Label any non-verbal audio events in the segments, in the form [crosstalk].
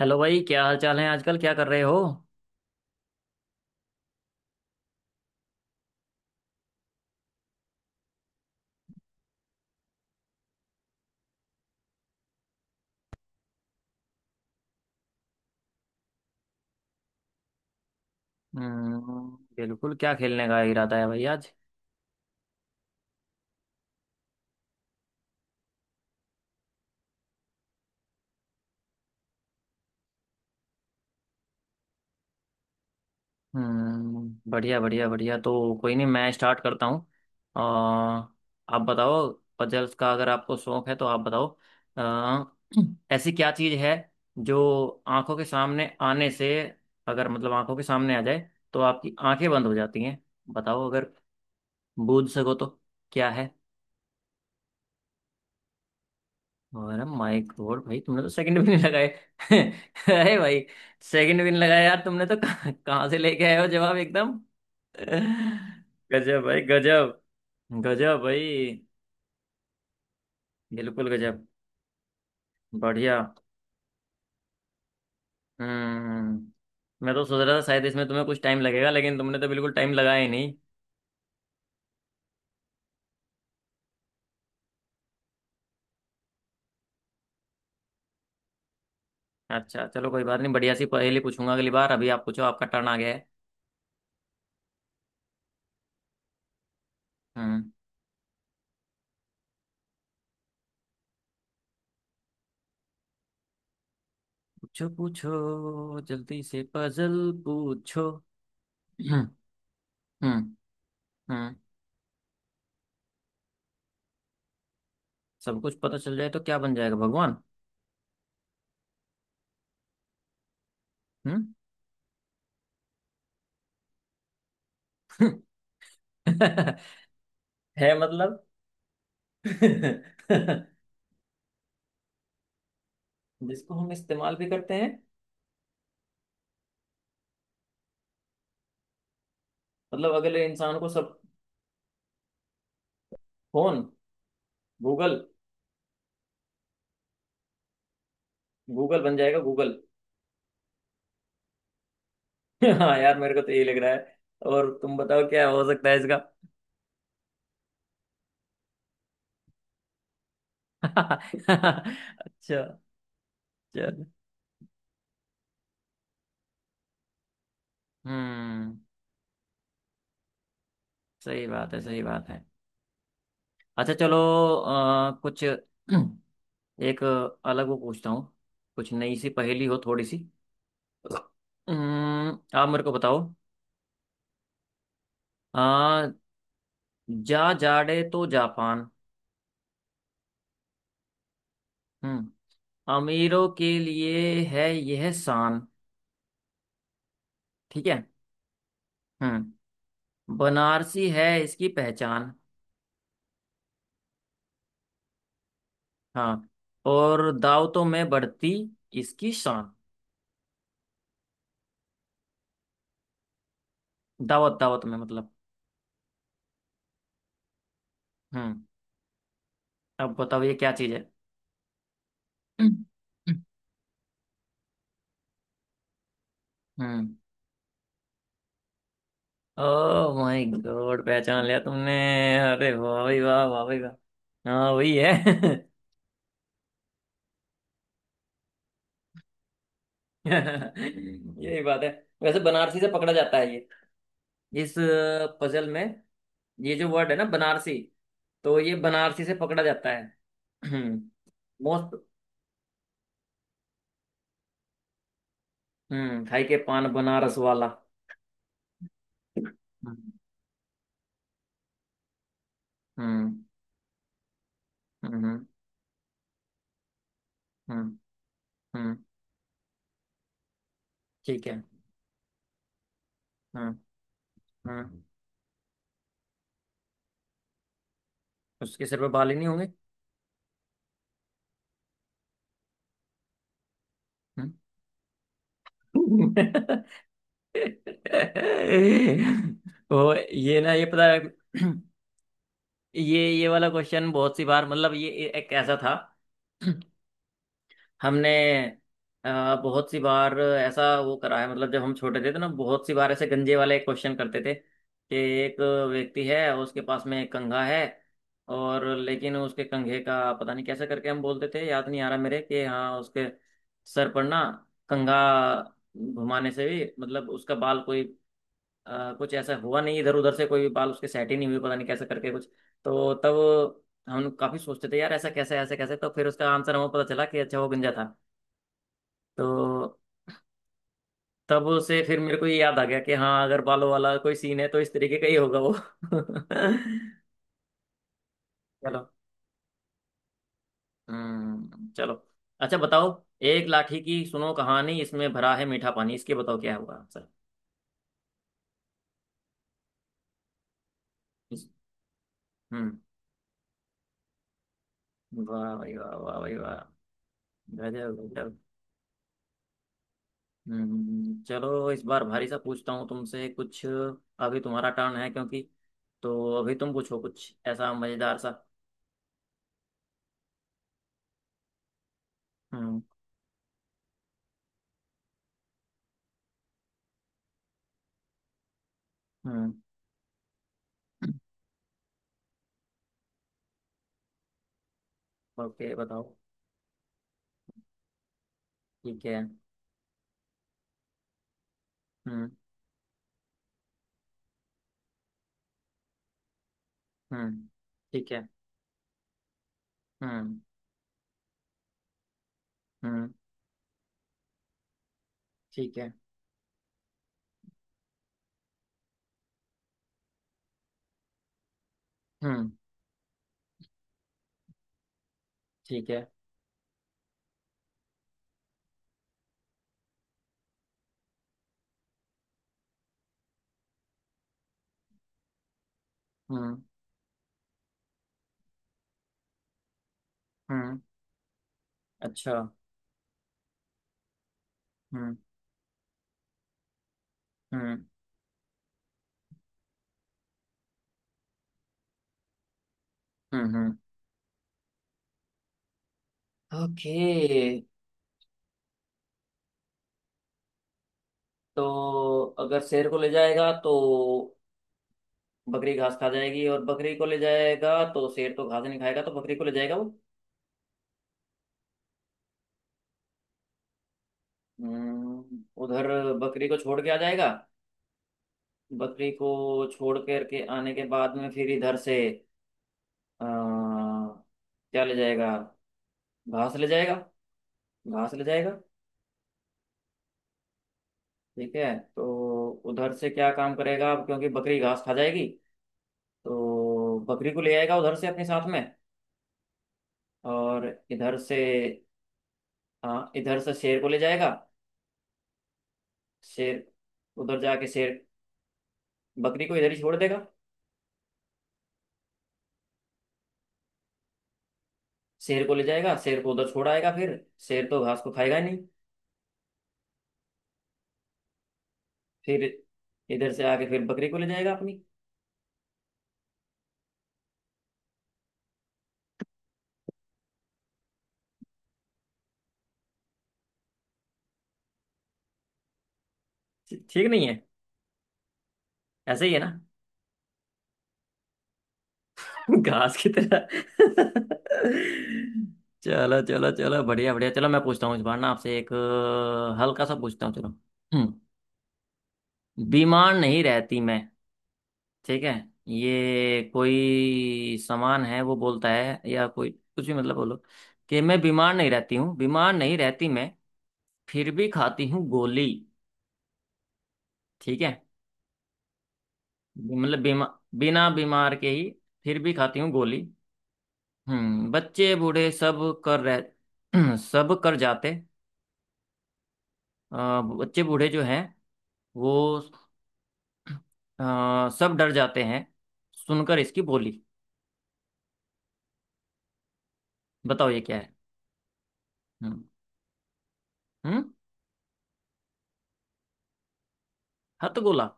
Hello भाई, क्या हाल चाल है? आजकल क्या कर रहे हो? हम्म, बिल्कुल। क्या खेलने का इरादा है भाई आज? हम्म, बढ़िया बढ़िया बढ़िया। तो कोई नहीं, मैं स्टार्ट करता हूँ। आप बताओ। पजल्स का अगर आपको शौक है तो आप बताओ। अ, [clears throat] ऐसी क्या चीज़ है जो आंखों के सामने आने से, अगर मतलब आंखों के सामने आ जाए, तो आपकी आंखें बंद हो जाती हैं? बताओ अगर बूझ सको तो, क्या है? अरे माय गॉड भाई, तुमने तो सेकंड भी नहीं लगाए। [laughs] अरे भाई, सेकंड भी नहीं लगाया यार तुमने, तो कहाँ कहाँ से लेके आए हो जवाब एकदम। गजब भाई गजब। गजब भाई। बिल्कुल गजब। बढ़िया। हम्म, मैं तो सोच रहा था शायद इसमें तुम्हें कुछ टाइम लगेगा, लेकिन तुमने तो बिल्कुल टाइम लगाया ही नहीं। अच्छा चलो, कोई बात नहीं। बढ़िया सी पहेली पूछूंगा अगली बार। अभी आप पूछो, आपका टर्न आ गया है। हम्म। पूछो पूछो जल्दी से पजल, पूछो। [clears throat] हम्म। हम्म। हम्म। सब कुछ पता चल जाए तो क्या बन जाएगा? भगवान। हम्म। [laughs] है मतलब। [laughs] जिसको हम इस्तेमाल भी करते हैं। मतलब अगले इंसान को सब। फोन। गूगल। गूगल बन जाएगा, गूगल। [laughs] हाँ यार, मेरे को तो यही लग रहा है। और तुम बताओ क्या हो सकता है इसका? [laughs] अच्छा, चल। हम्म। सही बात है, सही बात है। अच्छा चलो। कुछ [clears throat] एक अलग वो पूछता हूँ। कुछ नई सी पहेली हो थोड़ी सी। आप मेरे को बताओ। आ, जा जाड़े तो जापान। हम्म। अमीरों के लिए है यह शान। ठीक है। हम्म। बनारसी है इसकी पहचान। हाँ, और दावतों में बढ़ती इसकी शान। दावत दावत में, मतलब। हम्म। अब बताओ ये क्या चीज है? हम्म। ओ माय गॉड, पहचान लिया तुमने। अरे वाह भाई वाह, वाह भाई वाह। हाँ वही है। [laughs] [laughs] यही बात है। वैसे बनारसी से पकड़ा जाता है ये। इस पजल में, ये जो वर्ड है ना, बनारसी, तो ये बनारसी से पकड़ा जाता है। हम्म। मोस्ट। हम्म। खाई के पान बनारस वाला। हम्म। हम्म। हम्म। हम्म। हम्म, ठीक है। हम्म। हम्म। उसके सिर पे बाल ही नहीं होंगे। हम्म। [laughs] वो ये ना, ये पता है। [clears throat] ये वाला क्वेश्चन बहुत सी बार, मतलब ये एक ऐसा था। [clears throat] हमने बहुत सी बार ऐसा वो करा है, मतलब जब हम छोटे थे तो ना, बहुत सी बार ऐसे गंजे वाले क्वेश्चन करते थे कि एक व्यक्ति है और उसके पास में एक कंघा है, और लेकिन उसके कंघे का, पता नहीं कैसे करके हम बोलते थे, याद नहीं आ रहा मेरे, कि हाँ उसके सर पर ना कंघा घुमाने से भी, मतलब उसका बाल कोई कुछ ऐसा हुआ नहीं, इधर उधर से कोई भी बाल उसके सेट ही नहीं हुए, पता नहीं कैसे करके कुछ। तो तब हम काफी सोचते थे यार, ऐसा कैसे, ऐसे कैसे। तो फिर उसका आंसर हमें पता चला कि अच्छा, वो गंजा था। तो तब से फिर मेरे को ये याद आ गया कि हाँ, अगर बालों वाला कोई सीन है तो इस तरीके का ही होगा वो। [laughs] चलो। हम्म। चलो। अच्छा, बताओ। एक लाठी की सुनो कहानी, इसमें भरा है मीठा पानी। इसके बताओ क्या होगा आंसर? इस। हम्म। वाह भाई वाह, वाह भाई वाह। गजब, गजब। हम्म। चलो इस बार भारी सा पूछता हूँ तुमसे कुछ, अभी तुम्हारा टर्न है क्योंकि। तो अभी तुम पूछो कुछ ऐसा मजेदार सा। हम्म। हम्म। ओके, बताओ। ठीक है। हम्म। हम्म। ठीक है। हम्म। हम्म। ठीक है। हम्म। ठीक है। हम्म। हम्म। अच्छा। हम्म। हम्म। हम्म। हम्म। ओके। तो अगर शेर को ले जाएगा तो बकरी घास खा जाएगी, और बकरी को ले जाएगा तो शेर तो घास नहीं खाएगा, तो बकरी को ले जाएगा वो। हम्म। उधर बकरी को छोड़ के आ जाएगा। बकरी को छोड़ कर के आने के बाद में फिर इधर से, क्या ले जाएगा? घास ले जाएगा। घास ले जाएगा। ठीक है, तो उधर से क्या काम करेगा अब, क्योंकि बकरी घास खा जाएगी, तो बकरी को ले आएगा उधर से अपने साथ में। और इधर से, हाँ इधर से शेर को ले जाएगा। शेर। उधर जाके शेर बकरी को इधर ही छोड़ देगा। शेर को ले जाएगा, शेर को उधर छोड़ आएगा फिर। शेर तो घास को खाएगा ही नहीं। फिर इधर से आके फिर बकरी को ले जाएगा अपनी। ठीक नहीं है। ऐसे ही है ना? घास की तरह। चलो चलो चलो, बढ़िया बढ़िया। चलो मैं पूछता हूँ इस बार ना आपसे एक हल्का सा पूछता हूँ। चलो। हम्म। बीमार नहीं रहती मैं। ठीक है। ये कोई सामान है वो बोलता है या कोई कुछ भी, मतलब बोलो। कि मैं बीमार नहीं रहती हूँ, बीमार नहीं रहती मैं, फिर भी खाती हूँ गोली। ठीक है। मतलब बीमा बिना बीमार के ही फिर भी खाती हूँ गोली। हम्म। बच्चे बूढ़े सब कर रह [clears throat] सब कर जाते। बच्चे बूढ़े जो हैं वो सब डर जाते हैं सुनकर इसकी बोली। बताओ ये क्या है? हम्म। हम्म। हथगोला।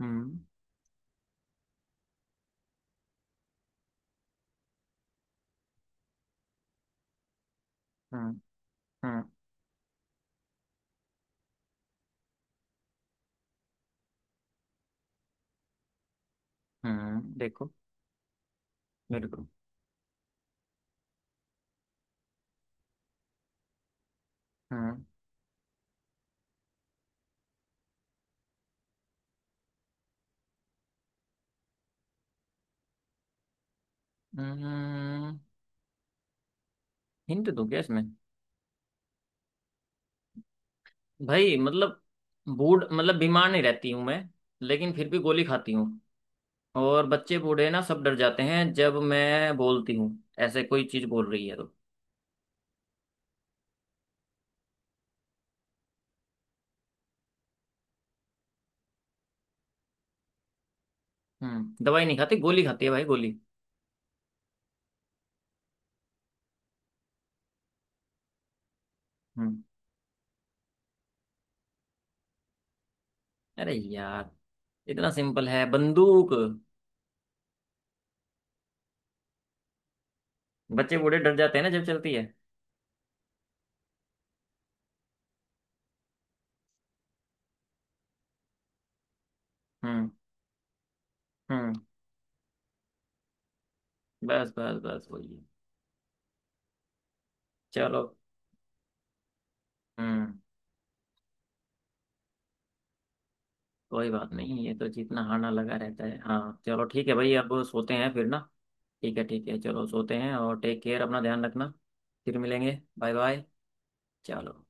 हम्म। हम्म। हम्म। हम्म। देखो। मेरे को। हम्म। हम्म, हिंट दो क्या इसमें? भाई मतलब, बूढ़ मतलब बीमार नहीं रहती हूँ मैं, लेकिन फिर भी गोली खाती हूँ। और बच्चे बूढ़े ना सब डर जाते हैं जब मैं बोलती हूँ। ऐसे कोई चीज बोल रही है तो। हम्म। दवाई नहीं खाती, गोली खाती है भाई, गोली। हम्म, अरे यार, इतना सिंपल है, बंदूक। बच्चे बूढ़े डर जाते हैं ना जब चलती है। हम्म। हम्म। बस बस बस वही है। चलो। हम्म। कोई बात नहीं, ये तो जीतना हारना लगा रहता है। हाँ चलो, ठीक है भाई, अब सोते हैं फिर ना। ठीक है ठीक है, चलो सोते हैं। और टेक केयर, अपना ध्यान रखना। फिर मिलेंगे, बाय बाय। चलो।